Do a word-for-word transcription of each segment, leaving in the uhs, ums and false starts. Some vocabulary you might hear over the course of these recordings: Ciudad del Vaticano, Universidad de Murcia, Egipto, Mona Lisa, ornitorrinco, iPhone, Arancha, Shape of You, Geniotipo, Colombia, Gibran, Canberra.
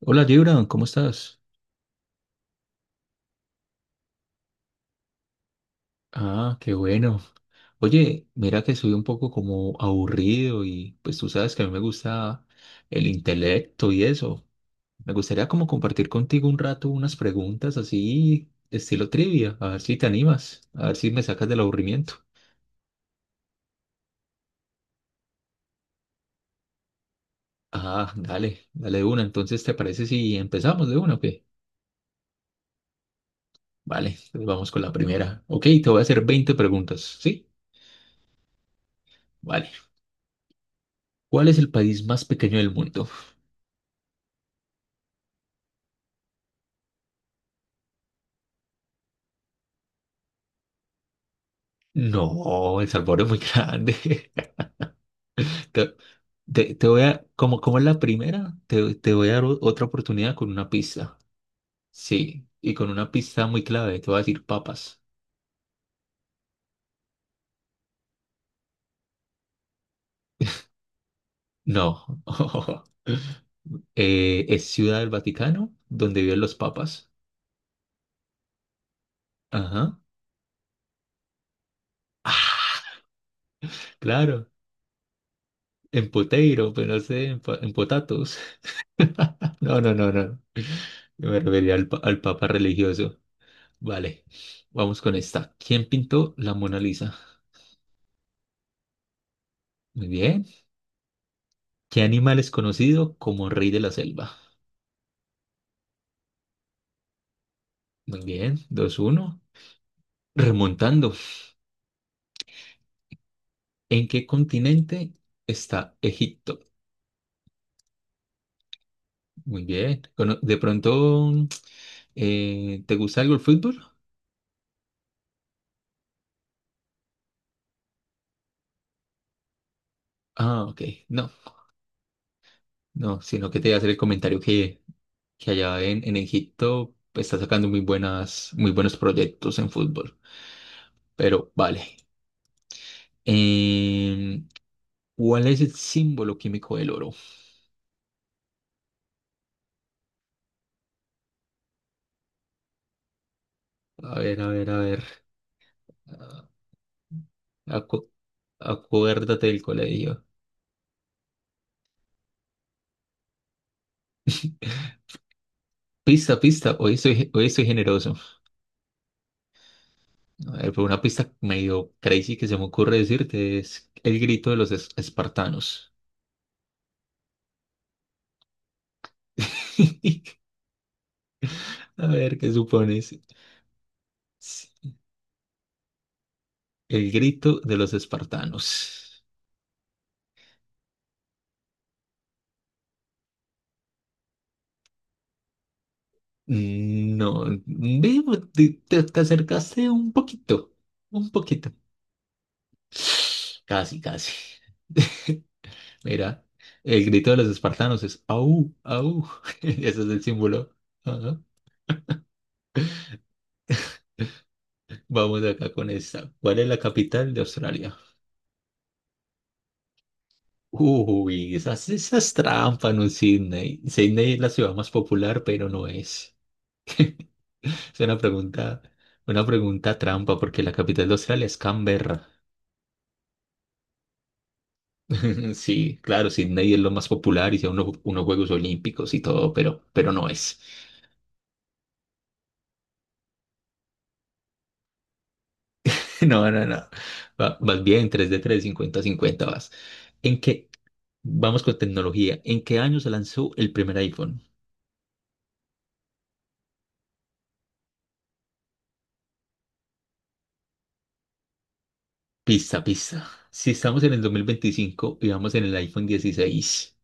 Hola, Gibran, ¿cómo estás? Ah, qué bueno. Oye, mira que soy un poco como aburrido y pues tú sabes que a mí me gusta el intelecto y eso. Me gustaría como compartir contigo un rato unas preguntas así, estilo trivia, a ver si te animas, a ver si me sacas del aburrimiento. Ah, dale, dale de una. Entonces, ¿te parece si empezamos de una o qué? Vale, entonces vamos con la primera. Ok, te voy a hacer veinte preguntas, ¿sí? Vale. ¿Cuál es el país más pequeño del mundo? No, El Salvador es muy grande. Te, te- te voy a, como, como es la primera, te, te voy a dar o- otra oportunidad con una pista. Sí, y con una pista muy clave, te voy a decir papas. No. Eh, es Ciudad del Vaticano, donde viven los papas. Ajá. Ah, claro, en Poteiro, pero no sé, en, po- en Potatos. No, no, no, no. Yo me refería al, pa- al papa religioso. Vale, vamos con esta. ¿Quién pintó la Mona Lisa? Muy bien. ¿Qué animal es conocido como rey de la selva? Muy bien. Dos uno. Remontando. ¿En qué continente está Egipto? Muy bien. Cono- ¿De pronto eh, te gusta algo el fútbol? Ah, ok. No, no, sino que te iba a hacer el comentario que, que allá en, en Egipto pues, está sacando muy buenas, muy buenos proyectos en fútbol. Pero vale. Em, ¿Cuál es el símbolo químico del oro? A ver, a ver, a ver. Ah, acuérdate del colegio. Pista, pista. Hoy soy, hoy estoy generoso. A ver, pero una pista medio crazy que se me ocurre decirte es el grito de los es- espartanos. A ver, ¿qué supones? El grito de los espartanos. No, ve, te, te- te acercaste un poquito, un poquito. Casi, casi. Mira, el grito de los espartanos es au, au. Ese es el símbolo. Ajá. Vamos acá con esta. ¿Cuál es la capital de Australia? Uy, esas, esas trampas, no es Sydney. Sydney es la ciudad más popular, pero no es. Es una pregunta, una pregunta trampa, porque la capital de Australia es Canberra. Sí, claro, Sydney es lo más popular y sea uno, unos Juegos Olímpicos y todo, pero, pero no es. No, no, no. Va- vas bien, tres de tres, cincuenta cincuenta vas. ¿En qué? Vamos con tecnología. ¿En qué año se lanzó el primer iPhone? Pista, pista. Si estamos en el dos mil veinticinco y vamos en el iPhone dieciséis.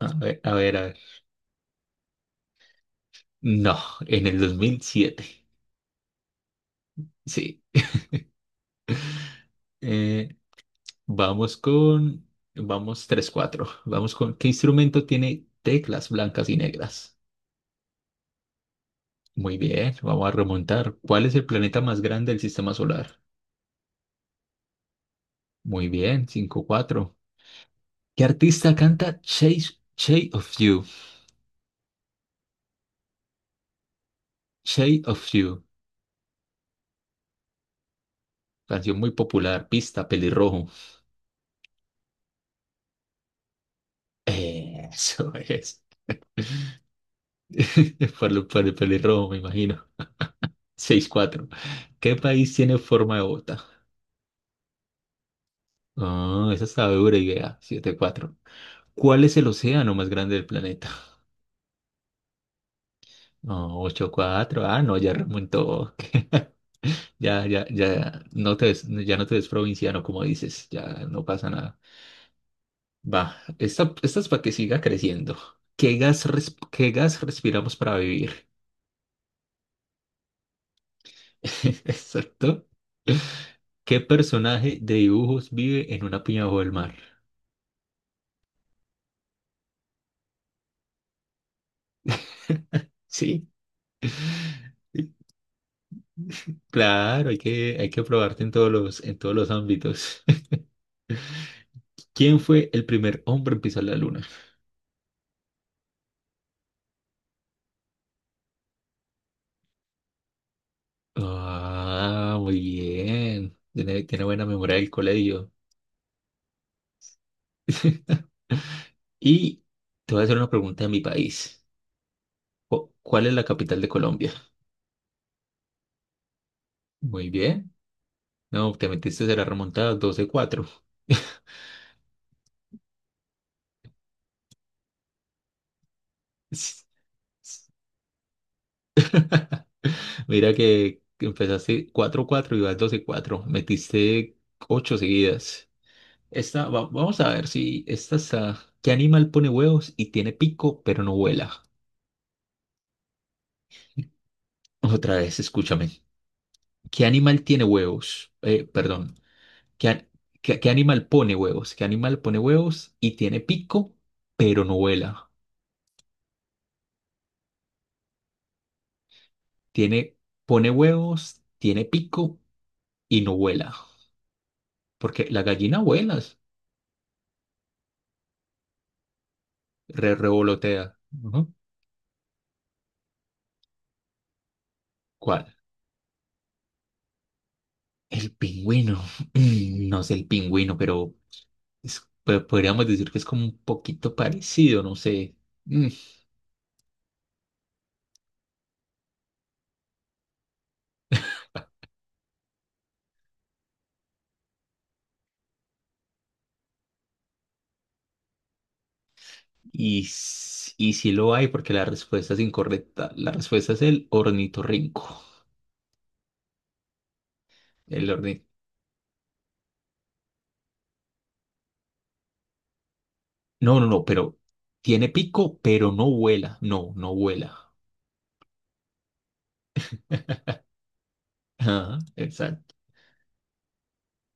A ver, a ver, a ver. No, en el dos mil siete. Sí. Eh, vamos con... Vamos tres cuatro. Vamos con... ¿Qué instrumento tiene teclas blancas y negras? Muy bien, vamos a remontar. ¿Cuál es el planeta más grande del sistema solar? Muy bien, cinco cuatro. ¿Qué artista canta Chase, Shape of You? Shape of You. Canción muy popular, pista, pelirrojo. Eso es. Por, lo- por el pelirrojo, me imagino. Seis cuatro. ¿Qué país tiene forma de bota? Ah, esa está dura idea. Siete cuatro. ¿Cuál es el océano más grande del planeta? Oh, ocho cuatro. Ah, no, ya remontó. Ya, ya, ya. No te ves, ya no te ves provinciano, como dices. Ya no pasa nada. Va. Esta, esta es para que siga creciendo. ¿Qué gas, res- ¿qué gas respiramos para vivir? Exacto. ¿Qué personaje de dibujos vive en una piña bajo el mar? Sí, claro, hay que, hay que probarte en todos los, en todos los ámbitos. ¿Quién fue el primer hombre en pisar la luna? Ah, muy bien. Tiene, tiene buena memoria del colegio. Y te voy a hacer una pregunta de mi país. Cu- ¿Cuál es la capital de Colombia? Muy bien. No, te metiste de la remontada doce cuatro. Mira que, que empezaste cuatro cuatro y vas doce cuatro. Metiste ocho seguidas. Esta, va- vamos a ver si esta está. ¿Qué animal pone huevos y tiene pico pero no vuela? Otra vez, escúchame. ¿Qué animal tiene huevos? Eh, perdón. ¿Qué, a- qué, ¿Qué animal pone huevos? ¿Qué animal pone huevos y tiene pico pero no vuela? Tiene, Pone huevos, tiene pico y no vuela. Porque la gallina vuela, re- revolotea. Ujú. ¿Cuál? El pingüino. No sé el pingüino, pero es- po- podríamos decir que es como un poquito parecido, no sé. Mm, Y, s- y sí lo hay porque la respuesta es incorrecta. La respuesta es el ornitorrinco. El orni- No, no, no, pero tiene pico, pero no vuela. No, no vuela. Ajá, exacto.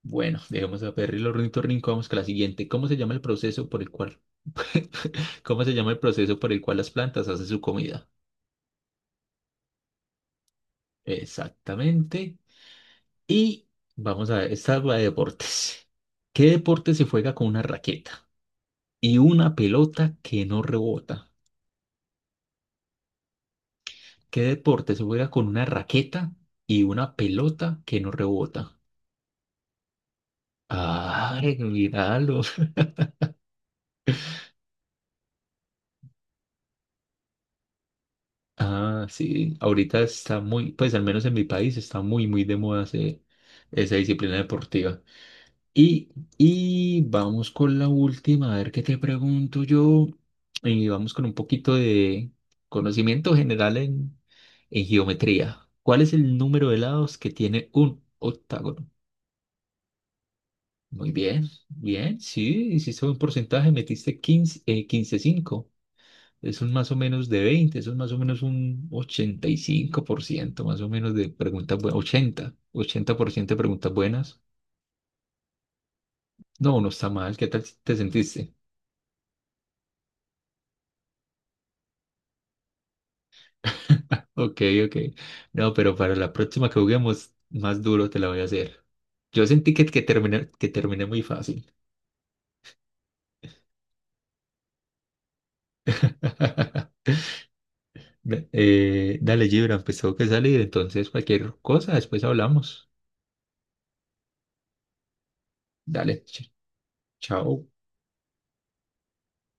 Bueno, dejemos a Perry el ornitorrinco. Vamos con la siguiente. ¿Cómo se llama el proceso por el cual, cómo se llama el proceso por el cual las plantas hacen su comida? Exactamente. Y vamos a ver, esta es la de deportes. ¿Qué deporte se juega con una raqueta y una pelota que no rebota? ¿Qué deporte se juega con una raqueta y una pelota que no rebota? Ay, míralo. Ah, sí, ahorita está muy, pues al menos en mi país está muy, muy de moda ese- esa disciplina deportiva. Y, y vamos con la última, a ver qué te pregunto yo. Y vamos con un poquito de conocimiento general en, en geometría. ¿Cuál es el número de lados que tiene un octágono? Muy bien, bien, sí, hiciste un porcentaje, metiste quince eh, quince punto cinco. Eso es un más o menos de veinte Eso es más o menos un ochenta y cinco por ciento más o menos de preguntas buenas, 80, ochenta por ciento de preguntas buenas. No, no está mal, ¿qué tal si te sentiste? Ok, ok. No, pero para la próxima que juguemos, más duro te la voy a hacer. Yo sentí que, que terminé, que terminé muy fácil. Da- eh, dale, Gibran, pues tengo que salir, entonces cualquier cosa, después hablamos. Dale, ch- chao.